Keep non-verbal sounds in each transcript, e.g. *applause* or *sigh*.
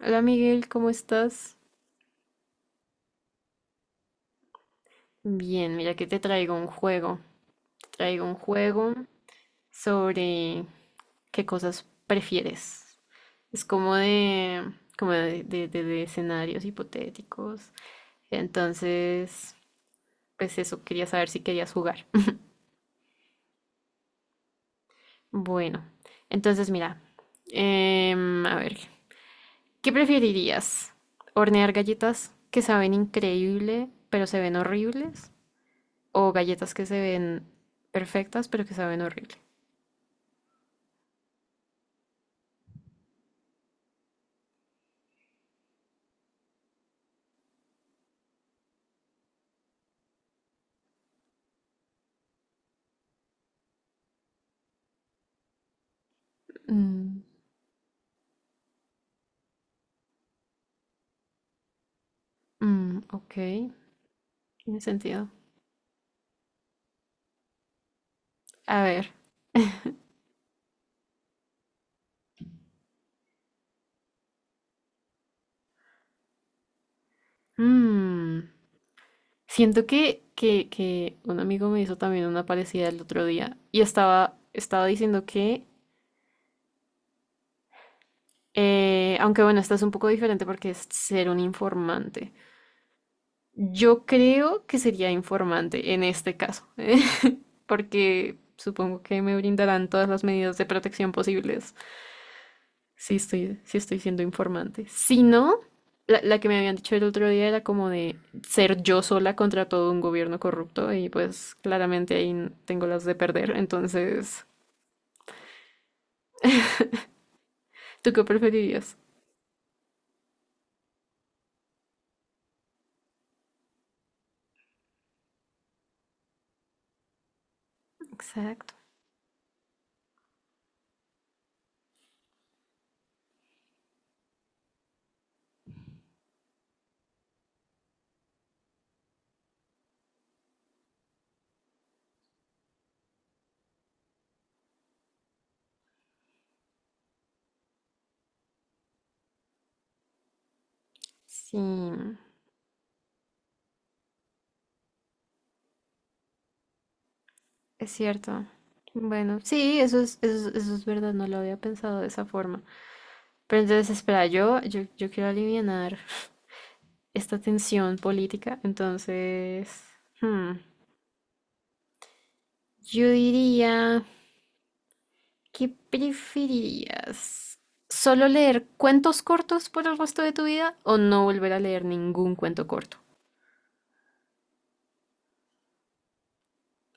Hola Miguel, ¿cómo estás? Bien, mira que te traigo un juego. Te traigo un juego sobre qué cosas prefieres. Es como de, de escenarios hipotéticos. Entonces, pues eso, quería saber si querías jugar. *laughs* Bueno, entonces mira, a ver, ¿qué preferirías? ¿Hornear galletas que saben increíble pero se ven horribles? ¿O galletas que se ven perfectas pero que saben horrible? Mm. Mm, ok, tiene sentido. A ver, mm, siento que un amigo me hizo también una parecida el otro día y estaba diciendo que, aunque bueno, esta es un poco diferente porque es ser un informante. Yo creo que sería informante en este caso, *laughs* porque supongo que me brindarán todas las medidas de protección posibles. Sí estoy siendo informante. Si no, la que me habían dicho el otro día era como de ser yo sola contra todo un gobierno corrupto y pues claramente ahí tengo las de perder. Entonces, ¿tú qué preferirías? Exacto. Sí, es cierto. Bueno, sí, eso es verdad, no lo había pensado de esa forma. Pero entonces, espera, yo quiero alivianar esta tensión política. Entonces, hmm, yo diría. ¿Qué preferirías? ¿Solo leer cuentos cortos por el resto de tu vida o no volver a leer ningún cuento corto?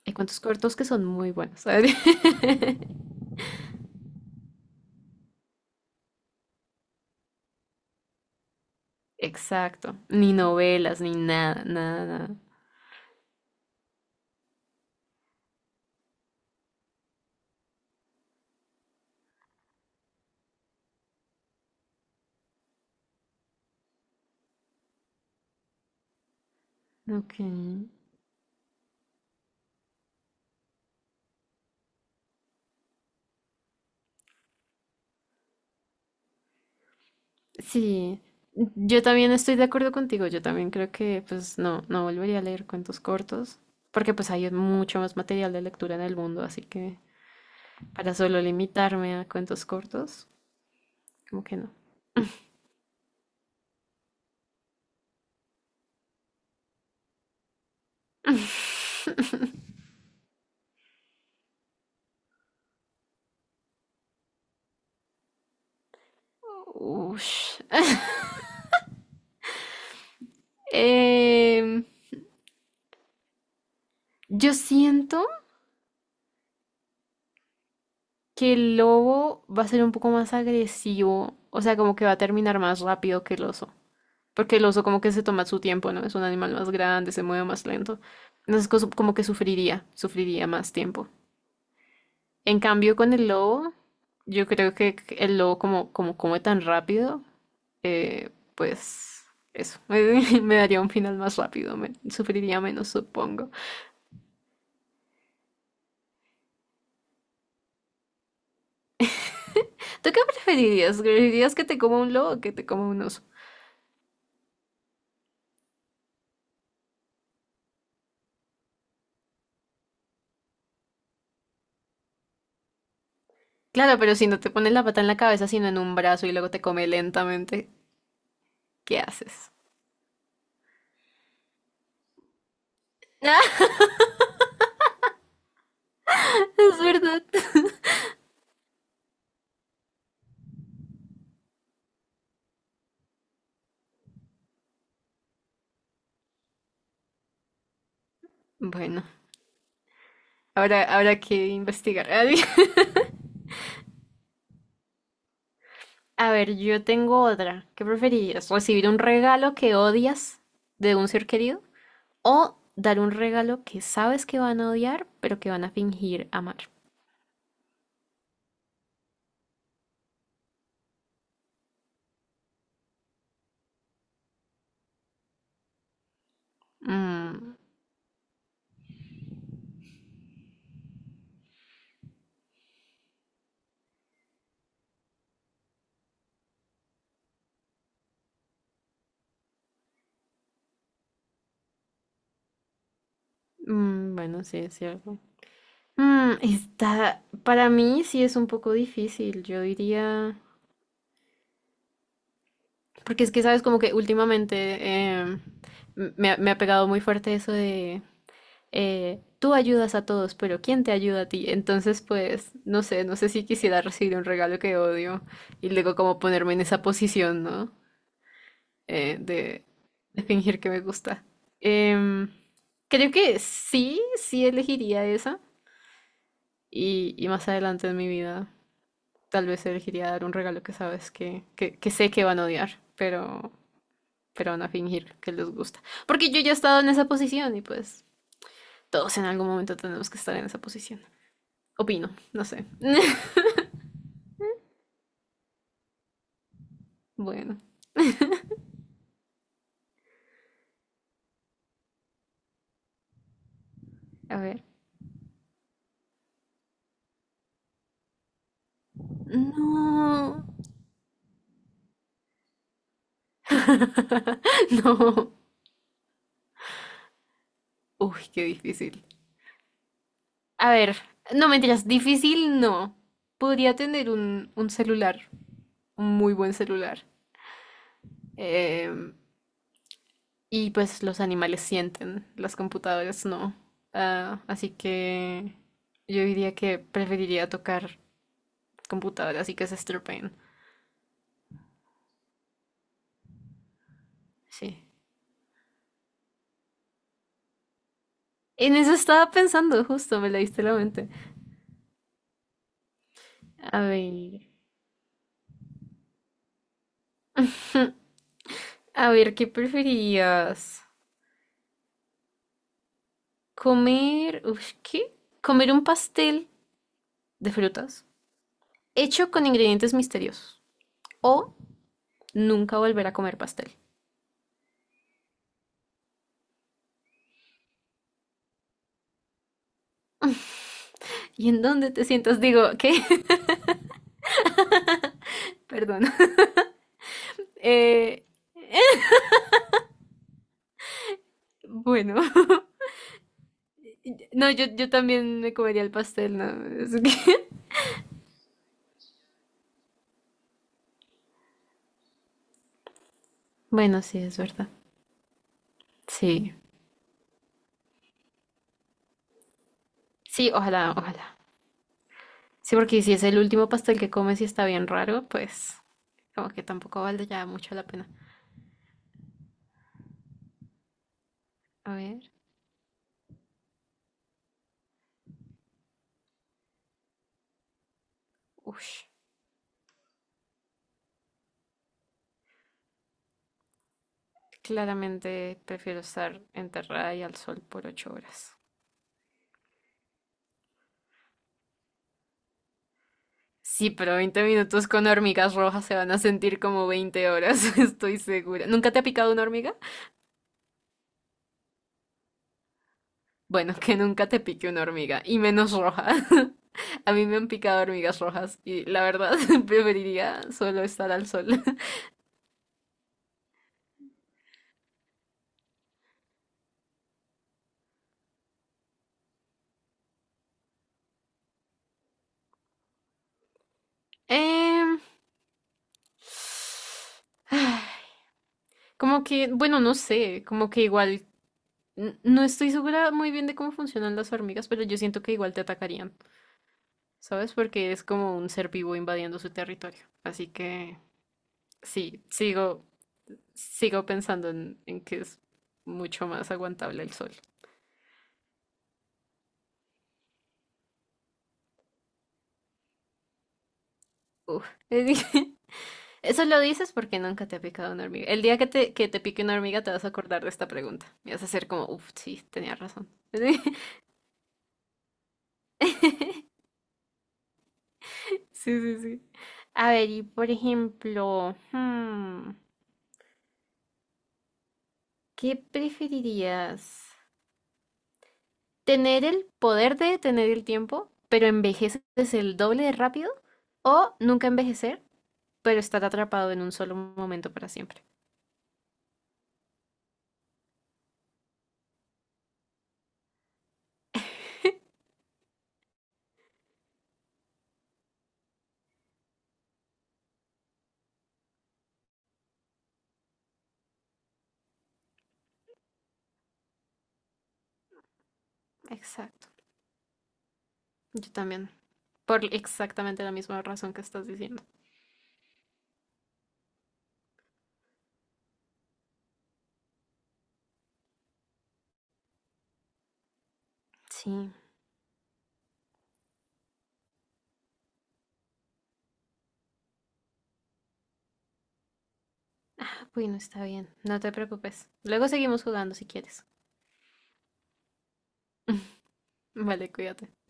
Hay cuentos cortos que son muy buenos, ¿sabes? *laughs* Exacto. Ni novelas, ni nada, nada, nada. Ok. Sí, yo también estoy de acuerdo contigo. Yo también creo que, pues, no, no volvería a leer cuentos cortos, porque pues hay mucho más material de lectura en el mundo, así que para solo limitarme a cuentos cortos, como que no. Ush. Em, yo siento que el lobo va a ser un poco más agresivo, o sea, como que va a terminar más rápido que el oso, porque el oso como que se toma su tiempo, ¿no? Es un animal más grande, se mueve más lento, entonces como que sufriría, sufriría más tiempo. En cambio, con el lobo, yo creo que el lobo como come tan rápido, pues eso, *laughs* me daría un final más rápido, sufriría menos, supongo. ¿Tú qué preferirías? ¿Preferirías que te coma un lobo o que te coma un oso? Claro, pero si no te pones la pata en la cabeza, sino en un brazo y luego te come lentamente, ¿qué haces? *laughs* Ah, es verdad. Bueno, ahora habrá que investigar. *laughs* A ver, yo tengo otra. ¿Qué preferirías? ¿Recibir un regalo que odias de un ser querido? ¿O dar un regalo que sabes que van a odiar, pero que van a fingir amar? Mm. Mm, bueno, sí, es cierto. Mm, está, para mí sí es un poco difícil. Yo diría. Porque es que, sabes, como que últimamente em, ha me ha pegado muy fuerte eso de tú ayudas a todos, pero ¿quién te ayuda a ti? Entonces, pues, no sé, no sé si quisiera recibir un regalo que odio y luego como ponerme en esa posición, ¿no? Eh, de, de fingir que me gusta. Em, creo que sí, sí elegiría esa y más adelante en mi vida tal vez elegiría dar un regalo que sabes que sé que van a odiar, pero van a fingir que les gusta. Porque yo ya he estado en esa posición y pues todos en algún momento tenemos que estar en esa posición. Opino, no sé. *laughs* Bueno, a ver. No. *laughs* No. Uy, qué difícil. A ver, no mentiras, difícil no. Podría tener un celular, un muy buen celular. Eh, y pues los animales sienten, las computadoras no. Ah, así que yo diría que preferiría tocar computadoras y que se estropean. Sí. En eso estaba pensando, justo me leíste la mente. A ver, a ver, ¿qué preferías? Comer, uf, ¿qué? Comer un pastel de frutas hecho con ingredientes misteriosos o nunca volver a comer pastel. ¿Y en dónde te sientas? Digo, ¿qué? *laughs* Perdón. Eh, bueno, *laughs* no, yo también me comería el pastel, ¿no? *laughs* Es que- Bueno, sí, es verdad. Sí. Sí, ojalá, ojalá. Sí, porque si es el último pastel que comes y está bien raro, pues como que tampoco vale ya mucho la pena. A ver, uff, claramente prefiero estar enterrada y al sol por 8 horas. Sí, pero 20 minutos con hormigas rojas se van a sentir como 20 horas, *laughs* estoy segura. ¿Nunca te ha picado una hormiga? Bueno, que nunca te pique una hormiga, y menos roja. *laughs* A mí me han picado hormigas rojas y la verdad *laughs* preferiría solo estar al sol. *laughs* Em, como que, bueno, no sé, como que igual no estoy segura muy bien de cómo funcionan las hormigas, pero yo siento que igual te atacarían, ¿sabes? Porque es como un ser vivo invadiendo su territorio. Así que sí, sigo, sigo pensando en que es mucho más aguantable el sol. Uf. *laughs* Eso lo dices porque nunca te ha picado una hormiga. El día que te pique una hormiga te vas a acordar de esta pregunta. Y vas a ser como, uff, sí, tenía razón. *laughs* Sí, sí, sí. A ver, y por ejemplo, hmm, ¿qué preferirías? Tener el poder de detener el tiempo, pero envejeces el doble de rápido, o nunca envejecer, pero estar atrapado en un solo momento para siempre. Exacto. Yo también. Por exactamente la misma razón que estás diciendo. Sí. Bueno, está bien. No te preocupes. Luego seguimos jugando si quieres. *laughs* Vale, cuídate.